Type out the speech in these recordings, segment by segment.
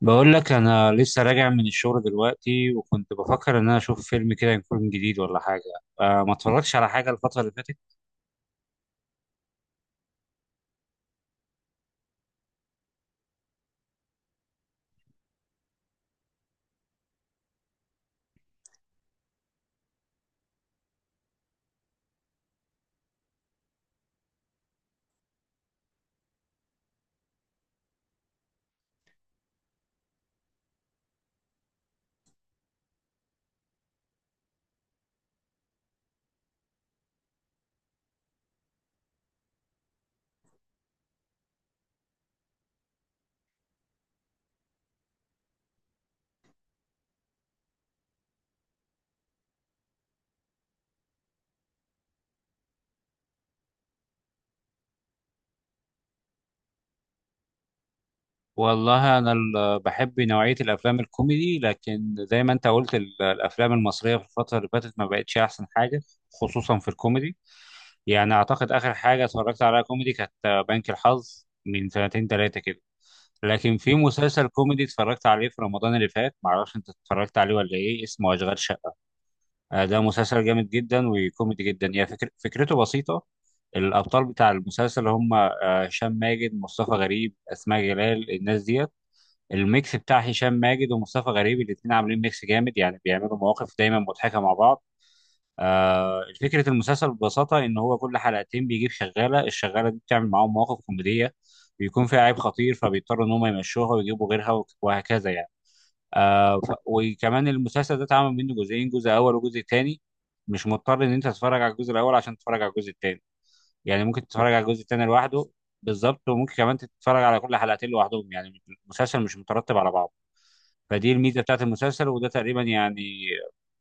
بقول لك انا لسه راجع من الشغل دلوقتي، وكنت بفكر ان انا اشوف فيلم كده يكون جديد ولا حاجه. ما اتفرجتش على حاجه الفتره اللي فاتت. والله انا بحب نوعيه الافلام الكوميدي، لكن زي ما انت قلت الافلام المصريه في الفتره اللي فاتت ما بقتش احسن حاجه، خصوصا في الكوميدي. يعني اعتقد اخر حاجه اتفرجت عليها كوميدي كانت بنك الحظ من سنتين ثلاثه كده. لكن في مسلسل كوميدي اتفرجت عليه في رمضان اللي فات، معرفش انت اتفرجت عليه ولا ايه، اسمه اشغال شقه. ده مسلسل جامد جدا وكوميدي جدا. هي فكرته بسيطة. الأبطال بتاع المسلسل هم هشام ماجد، مصطفى غريب، أسماء جلال، الناس ديت. الميكس بتاع هشام ماجد ومصطفى غريب، الاتنين عاملين ميكس جامد، يعني بيعملوا مواقف دايما مضحكة مع بعض. فكرة المسلسل ببساطة إن هو كل حلقتين بيجيب شغالة، الشغالة دي بتعمل معاهم مواقف كوميدية، بيكون فيها عيب خطير فبيضطروا إن هم يمشوها ويجيبوا غيرها وهكذا يعني. وكمان المسلسل ده اتعمل منه جزئين، جزء اول وجزء تاني. مش مضطر ان انت تتفرج على الجزء الاول عشان تتفرج على الجزء التاني، يعني ممكن تتفرج على الجزء التاني لوحده. بالظبط، وممكن كمان تتفرج على كل حلقتين لوحدهم، يعني المسلسل مش مترتب على بعضه، فدي الميزه بتاعت المسلسل. وده تقريبا يعني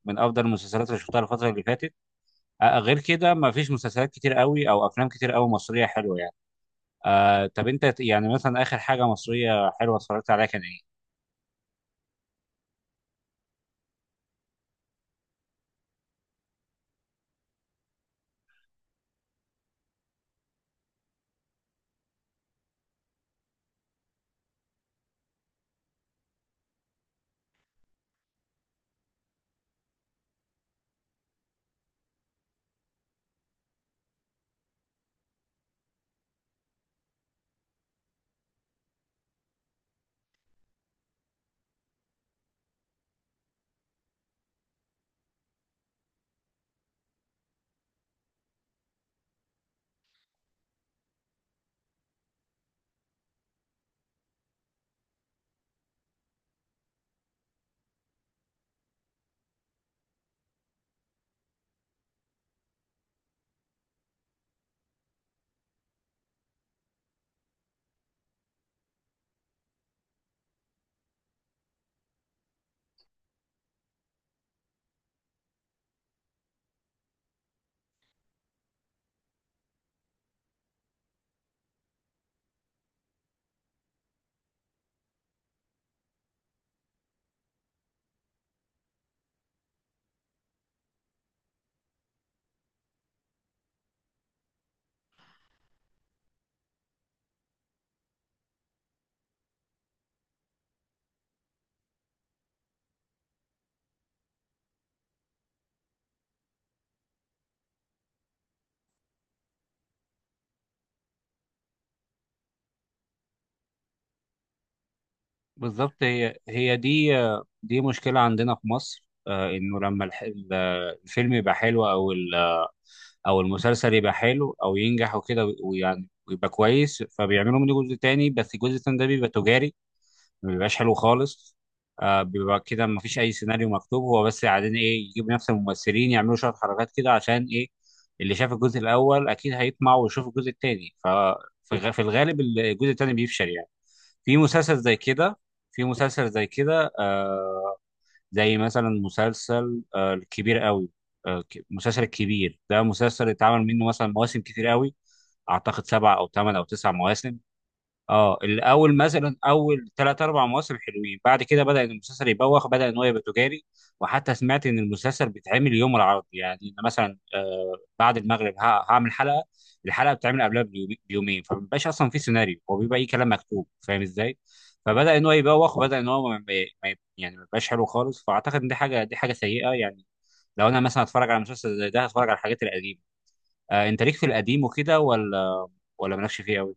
من افضل المسلسلات اللي شفتها الفتره اللي فاتت. غير كده ما فيش مسلسلات كتير قوي او افلام كتير قوي مصريه حلوه يعني. طب انت يعني مثلا اخر حاجه مصريه حلوه اتفرجت عليها كان ايه؟ بالظبط، هي دي. دي مشكلة عندنا في مصر، إنه لما الفيلم يبقى حلو أو المسلسل يبقى حلو أو ينجح وكده، ويعني ويبقى كويس، فبيعملوا منه جزء تاني، بس الجزء التاني ده بيبقى تجاري، ما بيبقاش حلو خالص. بيبقى كده ما فيش اي سيناريو مكتوب، هو بس قاعدين ايه يجيبوا نفس الممثلين يعملوا شويه حركات كده، عشان ايه؟ اللي شاف الجزء الاول اكيد هيطمع ويشوف الجزء الثاني، ففي الغالب الجزء الثاني بيفشل يعني، في مسلسل زي كده. في مسلسل زي كده آه زي مثلا مسلسل الكبير قوي. مسلسل الكبير ده مسلسل اتعمل منه مثلا مواسم كتير قوي، اعتقد سبع او ثمان او تسع مواسم. اه الاول مثلا اول ثلاث اربع مواسم حلوين، بعد كده بدا إن المسلسل يبوخ، بدا ان هو يبقى تجاري. وحتى سمعت ان المسلسل بيتعمل يوم العرض، يعني إن مثلا بعد المغرب هعمل حلقه، الحلقه بتتعمل قبلها بيومين، فمبيبقاش اصلا في سيناريو، هو بيبقى اي كلام مكتوب، فاهم ازاي؟ فبدا ان هو يبوخ وبدا ان هو يعني ما يبقاش حلو خالص، فاعتقد ان دي حاجه سيئه يعني. لو انا مثلا هتفرج على مسلسل زي ده هتفرج على الحاجات القديمه. انت ليك في القديم وكده ولا مالكش فيه قوي؟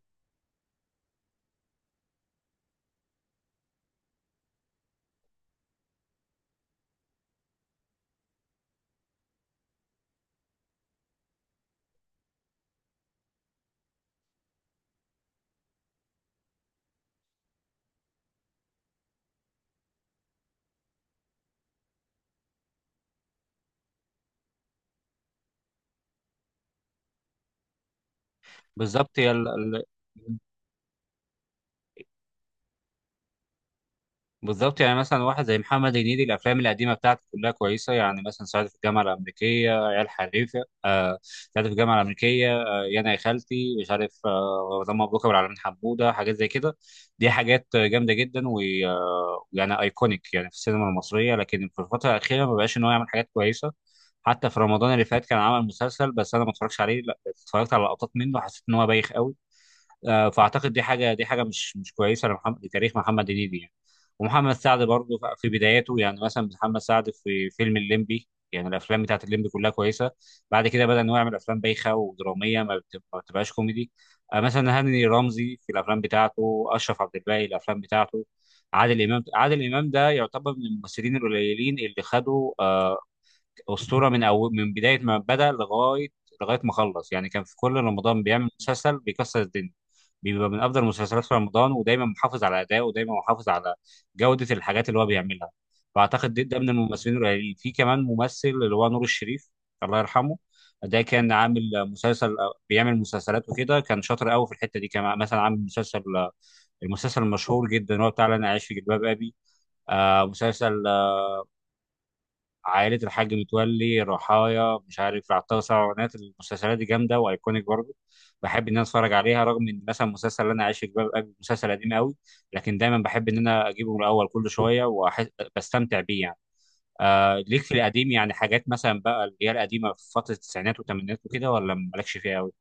بالظبط هي ال- ال- بالظبط يعني مثلا واحد زي محمد هنيدي، الافلام القديمه بتاعته كلها كويسه، يعني مثلا صعيدي في الجامعه الامريكيه، عيال حريفه، صعيدي في الجامعه الامريكيه، يا انا يا خالتي مش عارف، وطن مبروك، ابو العلمين حموده، حاجات زي كده. دي حاجات جامده جدا، ويعني يعني ايكونيك يعني في السينما المصريه. لكن في الفتره الاخيره ما بقاش ان هو يعمل حاجات كويسه، حتى في رمضان اللي فات كان عمل مسلسل، بس انا ما اتفرجش عليه، لا اتفرجت على لقطات منه، حسيت ان هو بايخ قوي. فاعتقد دي حاجه مش كويسه لمحمد، لتاريخ محمد هنيدي يعني. ومحمد سعد برضه في بداياته، يعني مثلا محمد سعد في فيلم الليمبي، يعني الافلام بتاعت الليمبي كلها كويسه. بعد كده بدا انه يعمل افلام بايخه ودراميه، ما بتبقاش كوميدي. مثلا هاني رمزي في الافلام بتاعته، اشرف عبد الباقي الافلام بتاعته، عادل امام ده يعتبر من الممثلين القليلين اللي خدوا اسطوره، من بدايه ما بدا لغايه ما خلص، يعني كان في كل رمضان بيعمل مسلسل بيكسر الدنيا، بيبقى من افضل المسلسلات في رمضان، ودايما محافظ على ادائه، ودايما محافظ على جوده الحاجات اللي هو بيعملها. فاعتقد ده من الممثلين القليلين. في كمان ممثل اللي هو نور الشريف، الله يرحمه. ده كان عامل مسلسل، بيعمل مسلسلات وكده، كان شاطر قوي في الحته دي. كان مثلا عامل مسلسل، المسلسل المشهور جدا هو بتاع انا عايش في جلباب ابي، مسلسل عائلة الحاج متولي، رحايا، مش عارف، عطار سرعونات، المسلسلات دي جامدة وأيكونيك برضه. بحب إن أنا أتفرج عليها، رغم إن مثلا مسلسل اللي أنا عايش في جلباب أبي مسلسل قديم قوي، لكن دايما بحب إن أنا أجيبه من الأول كل شوية وبستمتع بيه يعني. ليك في القديم يعني حاجات مثلا بقى اللي هي القديمة في فترة التسعينات والثمانينات وكده، ولا مالكش فيها قوي؟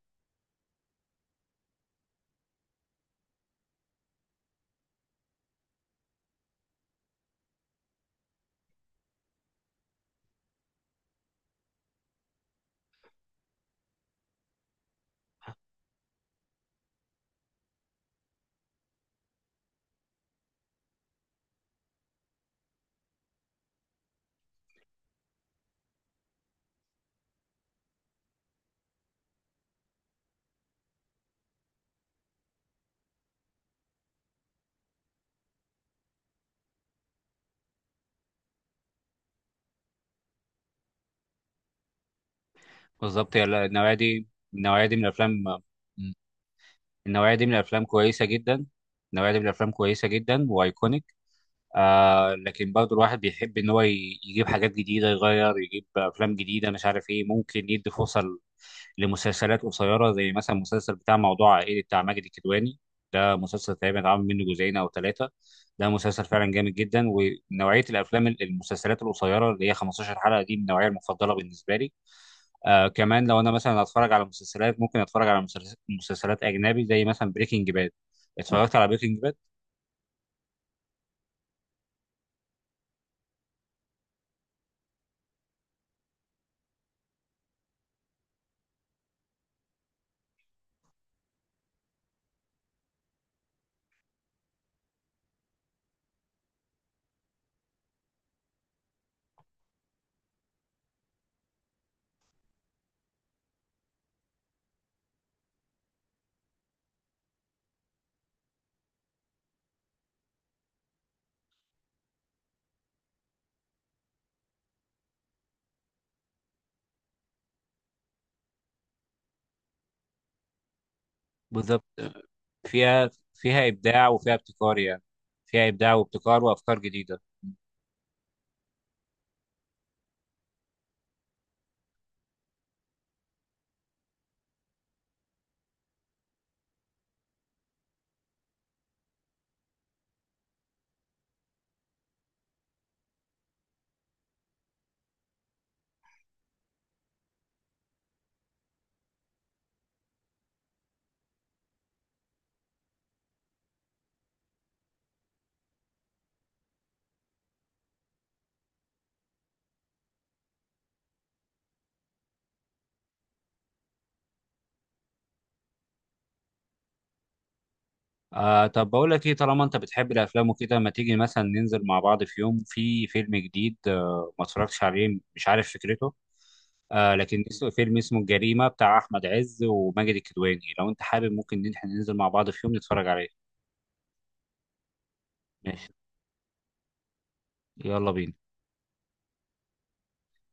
بالظبط، هي النوعية دي، النوعية دي من الأفلام، النوعية دي من الأفلام كويسة جدا، النوعية دي من الأفلام كويسة جدا وأيكونيك. لكن برضو الواحد بيحب ان هو يجيب حاجات جديده، يغير، يجيب افلام جديده، مش عارف ايه، ممكن يدي فرصه لمسلسلات قصيره، زي مثلا المسلسل بتاع موضوع عائلي بتاع ماجد الكدواني. ده مسلسل تقريبا اتعمل منه جزئين او ثلاثه، ده مسلسل فعلا جامد جدا. ونوعيه المسلسلات القصيره اللي هي 15 حلقه دي من النوعيه المفضله بالنسبه لي. كمان لو انا مثلا هتفرج على مسلسلات ممكن اتفرج على مسلسلات اجنبي، زي مثلا بريكنج باد. اتفرجت على بريكنج باد. بالظبط، فيها إبداع وفيها ابتكار يعني، فيها إبداع وابتكار وأفكار جديدة. طب بقول لك إيه، طالما أنت بتحب الأفلام وكده، ما تيجي مثلا ننزل مع بعض في يوم في فيلم جديد ما اتفرجتش عليه، مش عارف فكرته، لكن اسمه الجريمة، بتاع أحمد عز وماجد الكدواني. لو أنت حابب ممكن إن إحنا ننزل مع بعض في يوم نتفرج عليه. ماشي، يلا بينا.